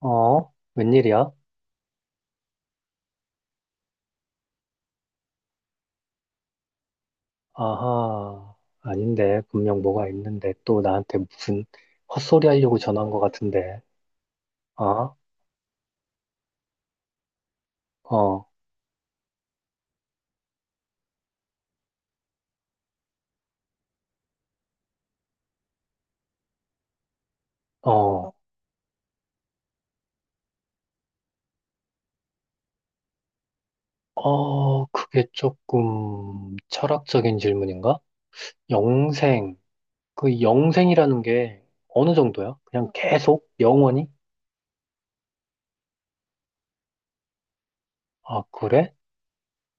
어? 웬일이야? 아하, 아닌데. 분명 뭐가 있는데 또 나한테 무슨 헛소리 하려고 전화한 것 같은데. 어? 어, 어, 어, 그게 조금 철학적인 질문인가? 영생. 그 영생이라는 게 어느 정도야? 그냥 계속? 영원히? 아, 그래?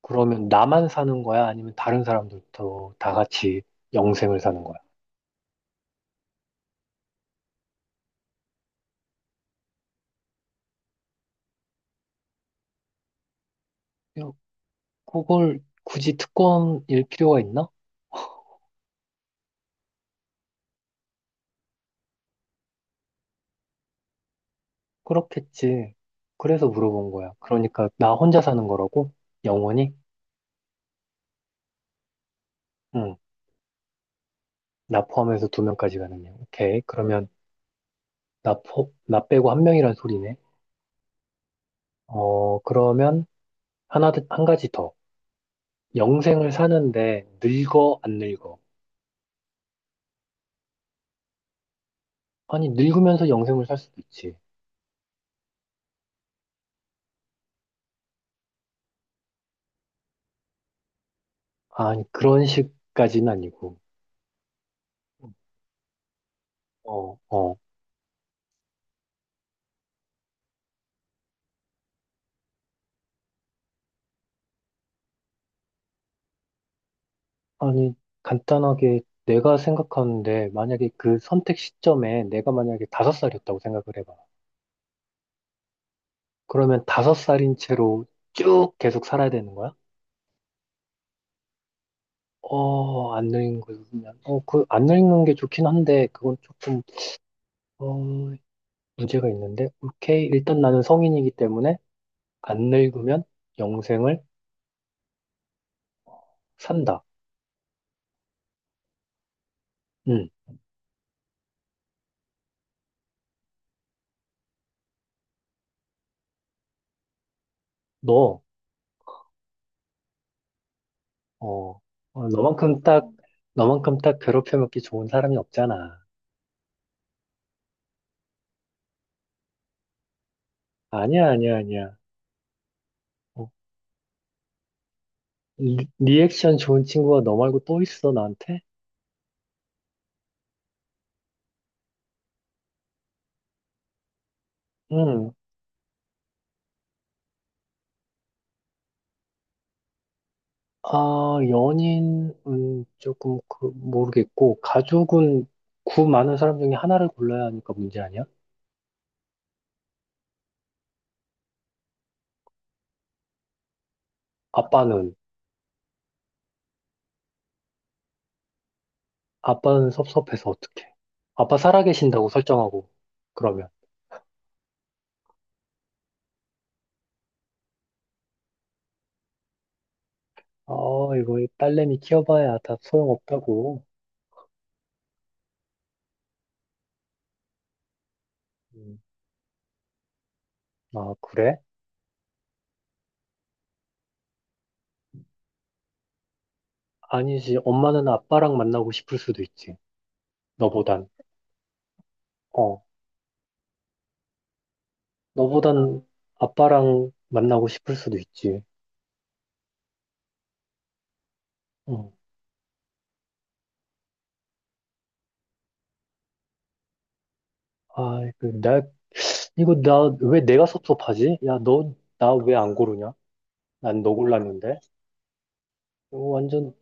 그러면 나만 사는 거야? 아니면 다른 사람들도 다 같이 영생을 사는 거야? 야, 그걸 굳이 특권일 필요가 있나? 그렇겠지. 그래서 물어본 거야. 그러니까 나 혼자 사는 거라고? 영원히? 응. 나 포함해서 두 명까지 가는 양. 오케이. 그러면 나 빼고 한 명이란 소리네. 그러면 한 가지 더. 영생을 사는데 늙어, 안 늙어? 아니, 늙으면서 영생을 살 수도 있지. 아니, 그런 식까지는 아니고. 어, 어. 아니, 간단하게 내가 생각하는데 만약에 그 선택 시점에 내가 만약에 다섯 살이었다고 생각을 해봐. 그러면 다섯 살인 채로 쭉 계속 살아야 되는 거야? 어, 안 늙는 거 보면. 어, 그, 안 늙는 게 좋긴 한데, 그건 조금, 어, 문제가 있는데. 오케이. 일단 나는 성인이기 때문에, 안 늙으면 영생을 산다. 응. 너, 어, 어, 너만큼 딱, 너만큼 딱 괴롭혀먹기 좋은 사람이 없잖아. 아니야, 아니야, 아니야. 어, 리액션 좋은 친구가 너 말고 또 있어, 나한테? 응, 아, 연인은 조금 모르겠고, 가족은 구 많은 사람 중에 하나를 골라야 하니까 문제 아니야? 아빠는, 아빠는 섭섭해서 어떡해. 아빠 살아계신다고 설정하고, 그러면. 아, 이거 딸내미 키워봐야 다 소용없다고. 음, 아, 그래? 아니지. 엄마는 아빠랑 만나고 싶을 수도 있지. 너보단. 어, 너보단 아빠랑 만나고 싶을 수도 있지. 어. 아, 이거 나 왜 내가 섭섭하지? 야, 너 나 왜 안 고르냐? 난 너 골랐는데. 이거 완전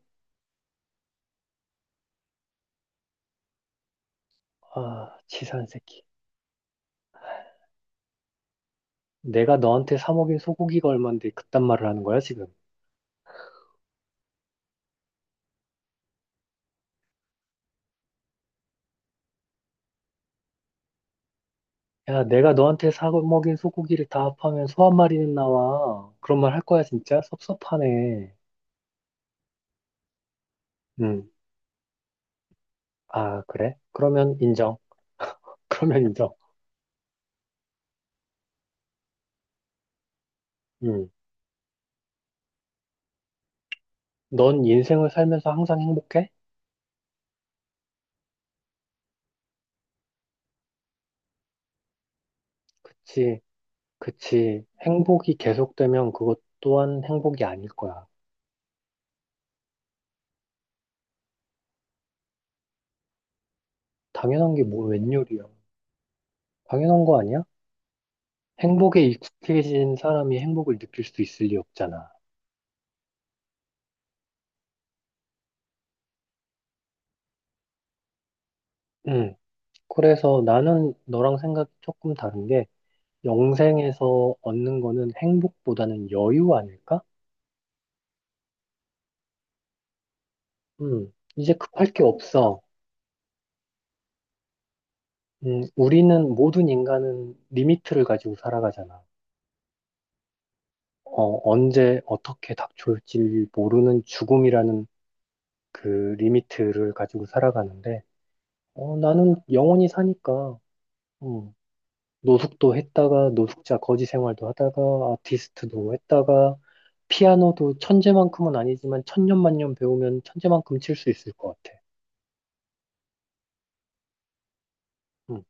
아, 치사한 새끼. 내가 너한테 사 먹인 소고기가 얼만데 그딴 말을 하는 거야, 지금? 야, 내가 너한테 사 먹인 소고기를 다 합하면 소 한 마리는 나와. 그런 말 할 거야, 진짜? 섭섭하네. 음. 아, 그래? 그러면 인정. 그러면 인정. 음. 넌 인생을 살면서 항상 행복해? 그치, 그치. 행복이 계속되면 그것 또한 행복이 아닐 거야. 당연한 게 뭐 웬 요리야? 당연한 거 아니야? 행복에 익숙해진 사람이 행복을 느낄 수 있을 리 없잖아. 음. 그래서 나는 너랑 생각이 조금 다른 게 영생에서 얻는 거는 행복보다는 여유 아닐까? 음. 이제 급할 게 없어. 음. 우리는 모든 인간은 리미트를 가지고 살아가잖아. 어, 언제 어떻게 닥쳐올지 모르는 죽음이라는 그 리미트를 가지고 살아가는데 어, 나는 영원히 사니까. 음. 노숙도 했다가 노숙자 거지 생활도 하다가 아티스트도 했다가 피아노도 천재만큼은 아니지만 천년만년 배우면 천재만큼 칠 수 있을 것 같아. 응,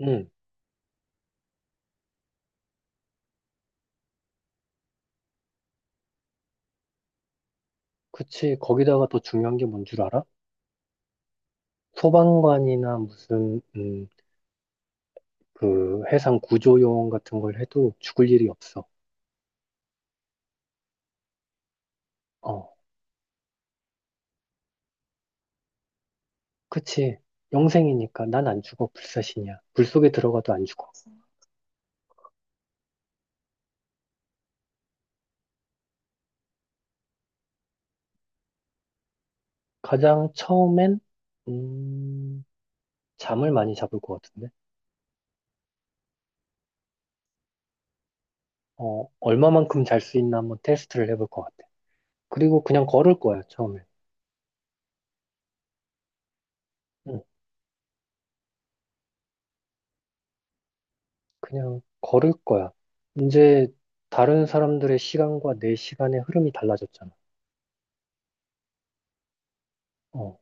응, 그치. 거기다가 더 중요한 게 뭔 줄 알아? 소방관이나 무슨 그 해상 구조요원 같은 걸 해도 죽을 일이 없어. 어, 그치. 영생이니까 난 안 죽어. 불사신이야. 불 속에 들어가도 안 죽어. 가장 처음엔 음, 잠을 많이 잡을 것 같은데. 어, 얼마만큼 잘 수 있나 한번 테스트를 해볼 것 같아. 그리고 그냥 걸을 거야, 처음에. 응, 그냥 걸을 거야. 이제 다른 사람들의 시간과 내 시간의 흐름이 달라졌잖아. 어,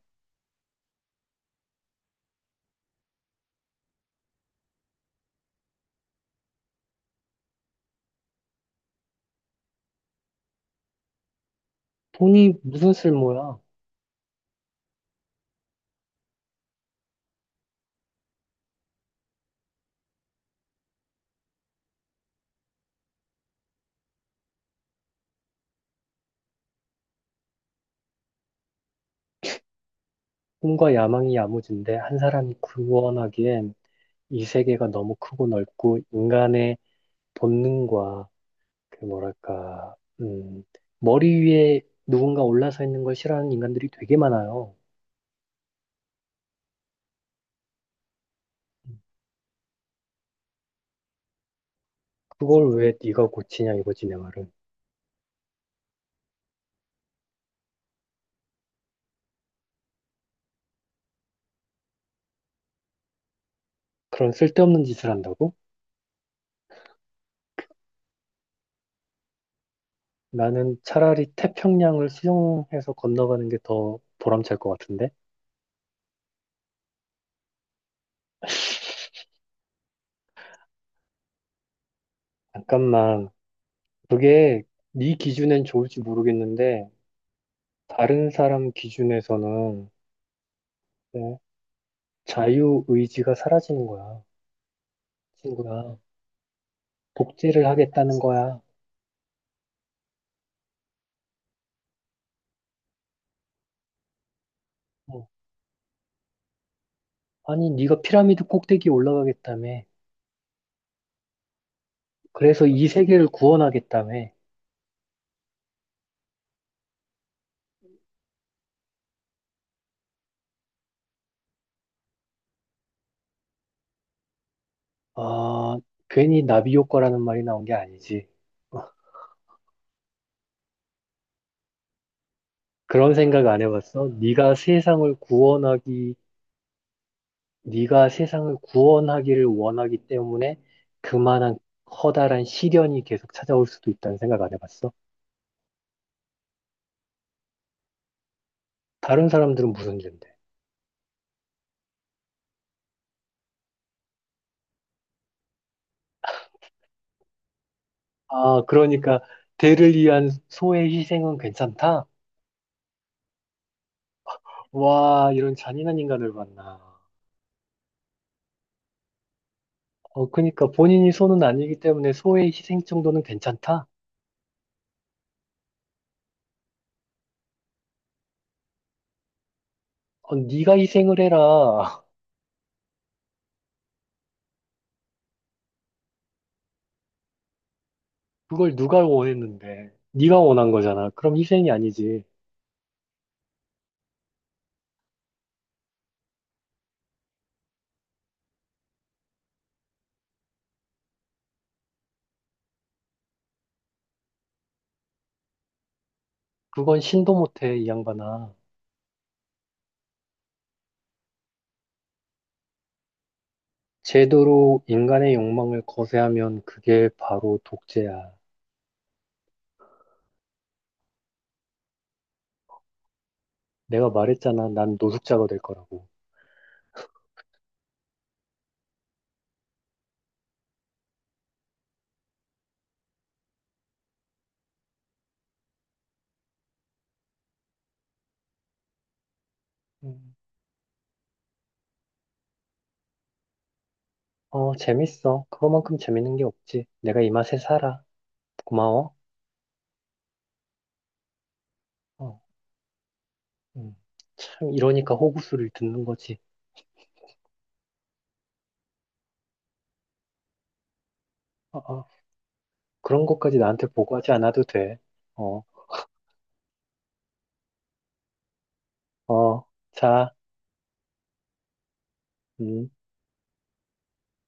돈이 무슨 쓸모야? 꿈과 야망이 야무진데 한 사람이 구원하기엔 이 세계가 너무 크고 넓고 인간의 본능과 뭐랄까, 머리 위에 누군가 올라서 있는 걸 싫어하는 인간들이 되게 많아요. 그걸 왜 네가 고치냐 이거지 내 말은. 그런 쓸데없는 짓을 한다고? 나는 차라리 태평양을 수영해서 건너가는 게 더 보람찰 것 같은데? 잠깐만. 그게 네 기준엔 좋을지 모르겠는데, 다른 사람 기준에서는 어, 자유의지가 사라지는 거야, 친구야. 복제를 하겠다는 거야. 어, 아니, 네가 피라미드 꼭대기 올라가겠다며. 그래서 이 세계를 구원하겠다며. 아, 괜히 나비 효과라는 말이 나온 게 아니지. 그런 생각 안 해봤어? 네가 세상을 구원하기를 원하기 때문에 그만한 커다란 시련이 계속 찾아올 수도 있다는 생각 안 해봤어? 다른 사람들은 무슨 죄인데? 아, 그러니까 대를 위한 소의 희생은 괜찮다? 와, 이런 잔인한 인간을 만나. 어, 그러니까 본인이 소는 아니기 때문에 소의 희생 정도는 괜찮다? 어, 네가 희생을 해라. 그걸 누가 원했는데? 네가 원한 거잖아. 그럼 희생이 아니지. 그건 신도 못해, 이 양반아. 제도로 인간의 욕망을 거세하면 그게 바로 독재야. 내가 말했잖아, 난 노숙자가 될 거라고. 음. 어, 재밌어. 그거만큼 재밌는 게 없지. 내가 이 맛에 살아. 고마워. 어, 음. 참, 이러니까 호구수를 듣는 거지. 어, 어. 그런 것까지 나한테 보고하지 않아도 돼. 어, 어, 자, 음.